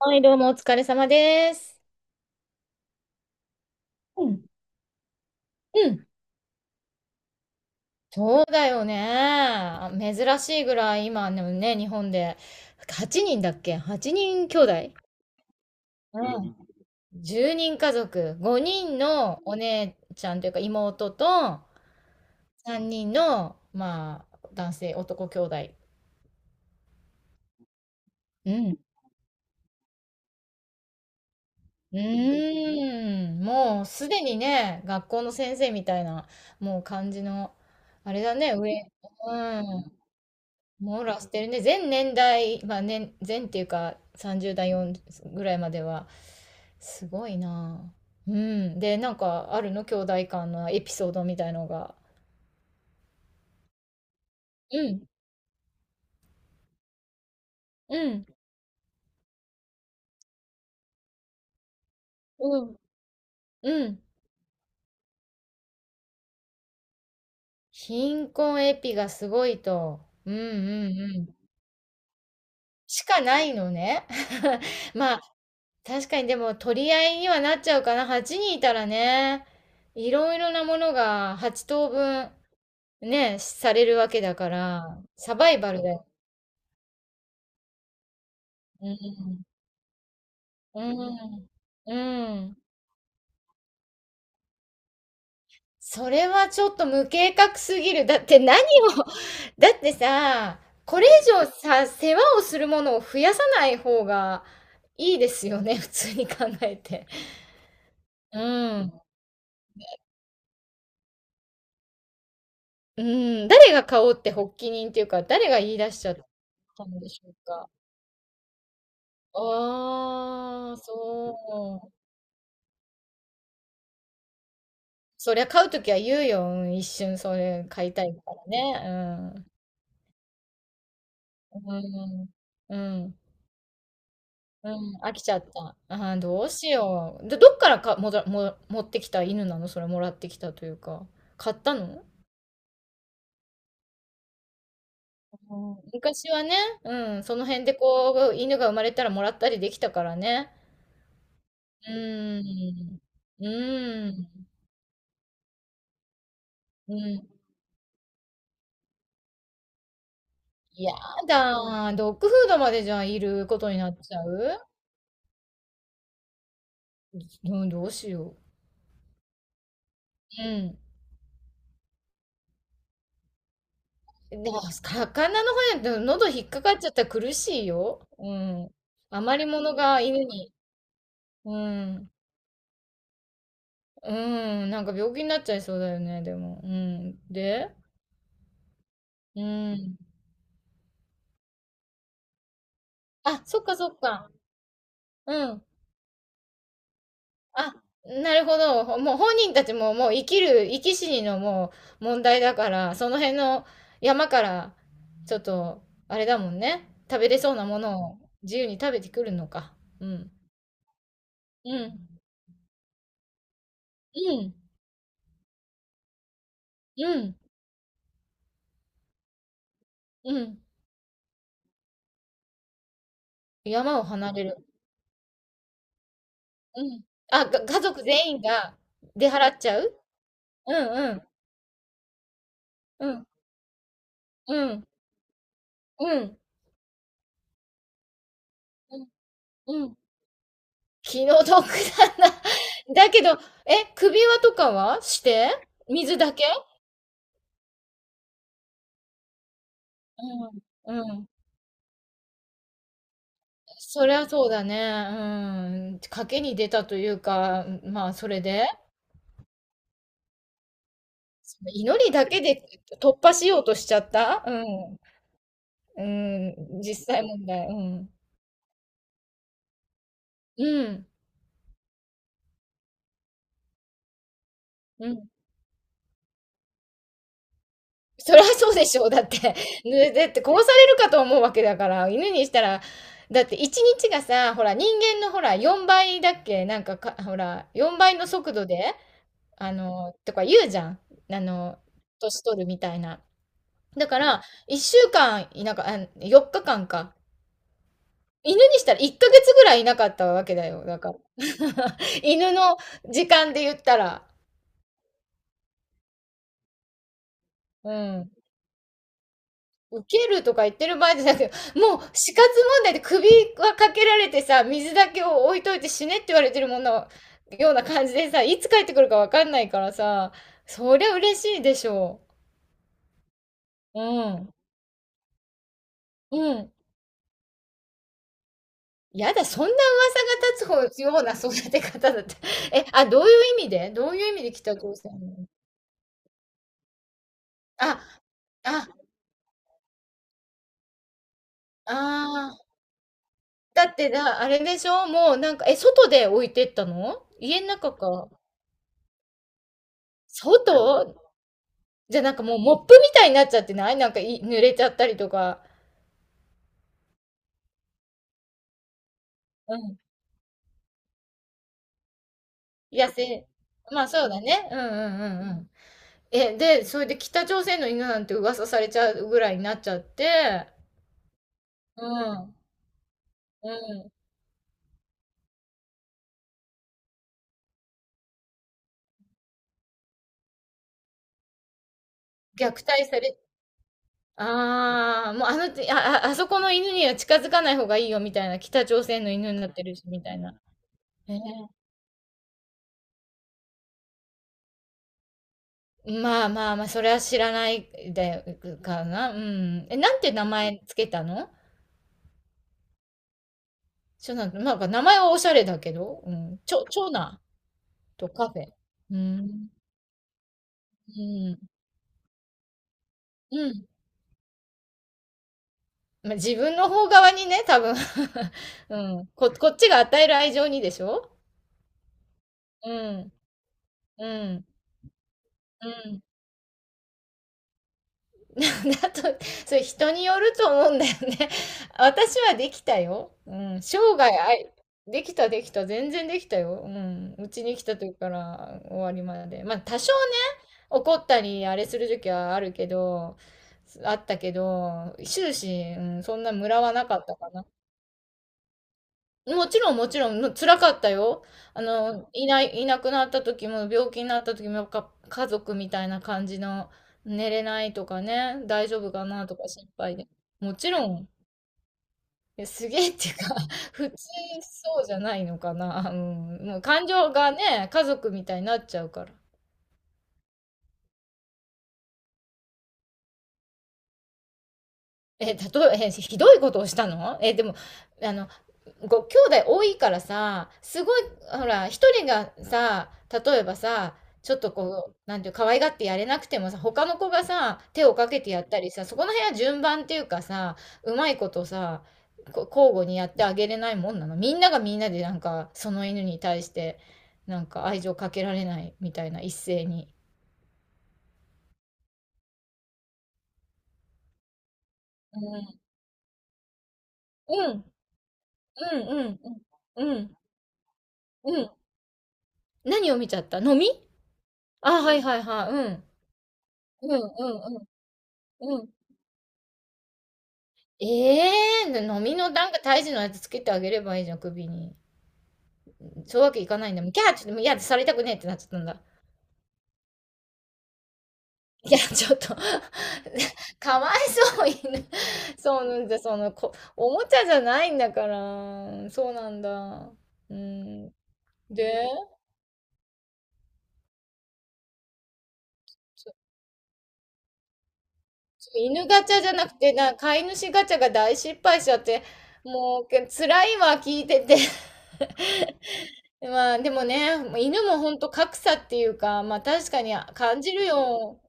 はい、どうもお疲れ様です。うん、うん、そうだよね。珍しいぐらい今のね、日本で8人だっけ？ 8 人兄弟。うん。10人家族、5人のお姉ちゃんというか妹と3人の、まあ、男性、男兄弟。うん。うーん、もうすでにね、学校の先生みたいな、もう感じの、あれだね、上、うん、網羅してるね。全年代、まあ年、全っていうか30代4ぐらいまでは、すごいなぁ。うん。で、なんかあるの兄弟間のエピソードみたいのが。うん、うん、うん、うん。貧困エピがすごいと。うん、うん、うん。しかないのね。まあ、確かにでも取り合いにはなっちゃうかな。8人いたらね、いろいろなものが8等分ね、されるわけだから、サバイバルだよね。うん。うん。うん。それはちょっと無計画すぎる。だって何を、だってさ、これ以上さ、世話をするものを増やさない方がいいですよね、普通に考えて。うん。うん。誰が買おうって発起人っていうか、誰が言い出しちゃったんでしょうか。ああ、そう。そりゃ買うときは言うよ。うん、一瞬それ買いたいからね。うん。うん。うん。うん、飽きちゃった。あーどうしよう。で、どっからか、もだ、も、持ってきた犬なの、それもらってきたというか。買ったの？うん、昔はね、うん、その辺でこう、犬が生まれたらもらったりできたからね。うーん。うーん。うん。やだー。ドッグフードまでじゃあいることになっちゃう。うん、どうしよう。うん。でも、魚の方やと喉引っかかっちゃったら苦しいよ。うん。余り物が犬に。うん。うーん、なんか病気になっちゃいそうだよね、でも。うん。で、うーん。あ、そっかそっか。うん。あ、なるほど。もう本人たちももう生き死にのもう問題だから、その辺の山から、ちょっと、あれだもんね。食べれそうなものを自由に食べてくるのか。うん。うん。うん。うん。うん。山を離れる。うん。家族全員が出払っちゃう。うんうん。うん。うん。うん。うん、気の毒だな。だけど、首輪とかはして？水だけ？うん、うん。そりゃそうだね。うーん。賭けに出たというか、まあ、それで、その祈りだけで突破しようとしちゃった？うん。うん、実際問題、うん。うん。うん。そりゃそうでしょう。だって、ね、だって殺されるかと思うわけだから、犬にしたら、だって一日がさ、ほら、人間のほら、4倍だっけなんかか、ほら、4倍の速度で、あの、とか言うじゃん。あの、年取るみたいな。だから、1週間いなか、あ、4日間かんか。犬にしたら1ヶ月ぐらいいなかったわけだよ。だから。犬の時間で言ったら。うん。受けるとか言ってる場合じゃなくて、もう死活問題で首はかけられてさ、水だけを置いといて死ねって言われてるものような感じでさ、いつ帰ってくるかわかんないからさ、そりゃ嬉しいでしょう。うん。うん。やだ、そんな噂が立つような育て方だって。どういう意味でどういう意味で北朝鮮に。あ、あ、ああ。だってな、あれでしょ、もうなんか、外で置いてったの、家の中か？外？じゃ、なんかもうモップみたいになっちゃってない？なんか、い濡れちゃったりとか。うん。野生。まあ、そうだね。うんうんうんうん。で、それで北朝鮮の犬なんて噂されちゃうぐらいになっちゃって、うん、うん。虐待されああ、もうあの、あああそこの犬には近づかない方がいいよみたいな、北朝鮮の犬になってるしみたいな。えまあまあまあ、それは知らないで、うかな。うん。なんて名前つけたの？ちょなんなんか名前はおしゃれだけど、うん、長男とカフェ。うーん、うん、うん。まあ、自分の方側にね、多分。 うん。こっちが与える愛情にでしょ？うん、うん、うん。だと、それ人によると思うんだよね。私はできたよ。うん、生涯あいできたできた、全然できたよ。うん、うちに来た時から終わりまで。まあ、多少ね怒ったりあれする時はあるけど、あったけど、終始、うん、そんなムラはなかったかな。もちろんもちろん、辛かったよ。あの、いなくなった時も、病気になった時も、家族みたいな感じの、寝れないとかね、大丈夫かなとか心配で。もちろん、いやすげえっていうか、普通そうじゃないのかな。うん、もう感情がね、家族みたいになっちゃうから。え、例え、え、ひどいことをしたの、でも、あの、ご兄弟多いからさ、すごい、ほら、一人がさ、例えばさ、ちょっとこう、なんていう、可愛がってやれなくてもさ、他の子がさ、手をかけてやったりさ、そこの辺は順番っていうかさ、うまいことさ、交互にやってあげれないもんなの。みんながみんなでなんか、その犬に対して、なんか愛情かけられないみたいな、一斉に。うん、うん、うん、うん、うん、うん。うん、何を見ちゃったの、み。あ、はいはいはい、うん。うん、うん、うん、うん、ええー、飲みのなんか胎児のやつつけてあげればいいじゃん、首に。そういうわけいかないんだもん。キャー、ちょっともう嫌でされたくねえってなっちゃったんだ。いや、ちょっと かわいそう、犬。そうなんだ、その、おもちゃじゃないんだから。そうなんだ。うん。で、ちょ、ちょ犬ガチャじゃなくて、飼い主ガチャが大失敗しちゃって、もう、辛いわ、聞いてて。まあでもね、犬もほんと格差っていうか、まあ確かに感じるよ。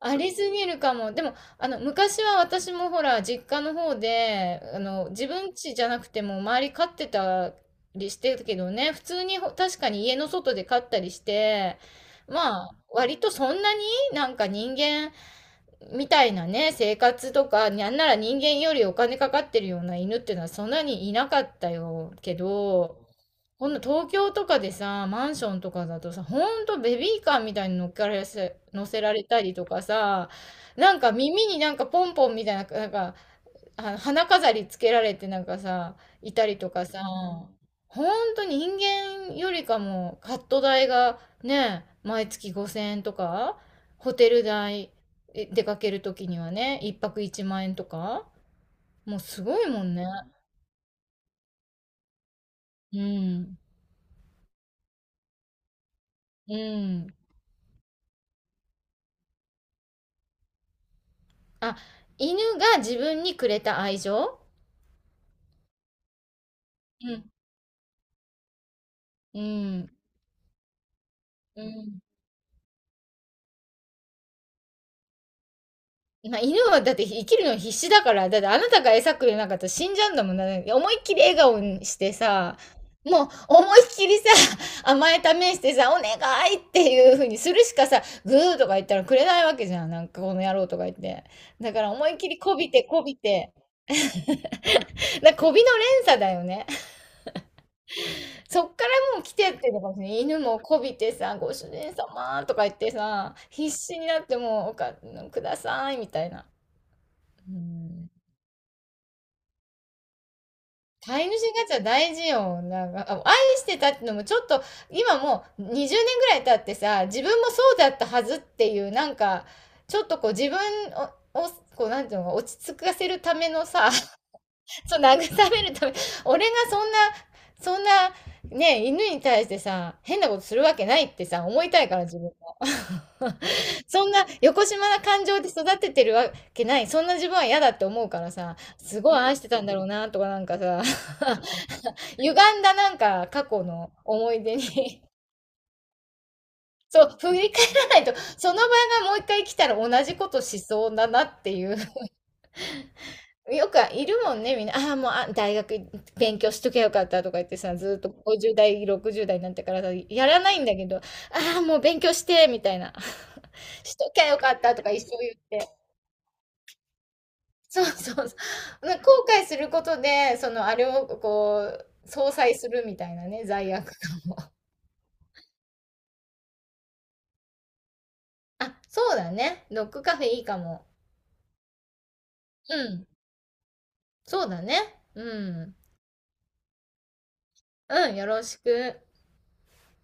ありすぎるかも。でも、あの、昔は私もほら、実家の方で、あの、自分家じゃなくても周り飼ってたりしてたけどね、普通に確かに家の外で飼ったりして、まあ、割とそんなになんか人間みたいなね、生活とか、なんなら人間よりお金かかってるような犬っていうのはそんなにいなかったよけど、こんな東京とかでさ、マンションとかだとさ、ほんとベビーカーみたいに乗っからせ、乗せられたりとかさ、なんか耳になんかポンポンみたいな、なんか、あの花飾りつけられてなんかさ、いたりとかさ、ほんと人間よりかもカット代がね、毎月5000円とか、ホテル代、出かけるときにはね、一泊1万円とか、もうすごいもんね。うん。うん。あ、犬が自分にくれた愛情。うん。うん。うん。まあ、犬はだって生きるの必死だから、だってあなたが餌くれなかったら死んじゃうんだもんな。ね、思いっきり笑顔にしてさ、もう思いっきりさ、甘え試してさ、お願いっていう風にするしかさ、グーとか言ったらくれないわけじゃん。なんかこの野郎とか言って。だから思いっきりこびてこびて。こびの連鎖だよね。そっからもう来てっていうのかもしれない。犬もこびてさ、ご主人様とか言ってさ、必死になってもう、くださいみたいな。うん。飼い主ガチャ大事よ。なんか、愛してたってのもちょっと、今もう20年ぐらい経ってさ、自分もそうだったはずっていう、なんか、ちょっとこう自分をこう、なんていうの、落ち着かせるためのさ、そう、慰めるため、俺がそんな、ね、犬に対してさ、変なことするわけないってさ、思いたいから、自分も。そんな、横島な感情で育ててるわけない。そんな自分は嫌だって思うからさ、すごい愛してたんだろうな、とかなんかさ、歪んだなんか過去の思い出に、そう、振り返らないと、その場がもう一回来たら同じことしそうだなっていう、よくいるもんね、みんな。ああ、もう、大学勉強しとけばよかったとか言ってさ、ずーっと50代、60代になってからさ、やらないんだけど、ああ、もう勉強して、みたいな。しときゃよかったとか一生言って。そうそうそう。後悔することで、その、あれをこう、相殺するみたいなね、罪悪感。あ、そうだね。ドッグカフェいいかも。うん。そうだね。うん。うん、よろしく。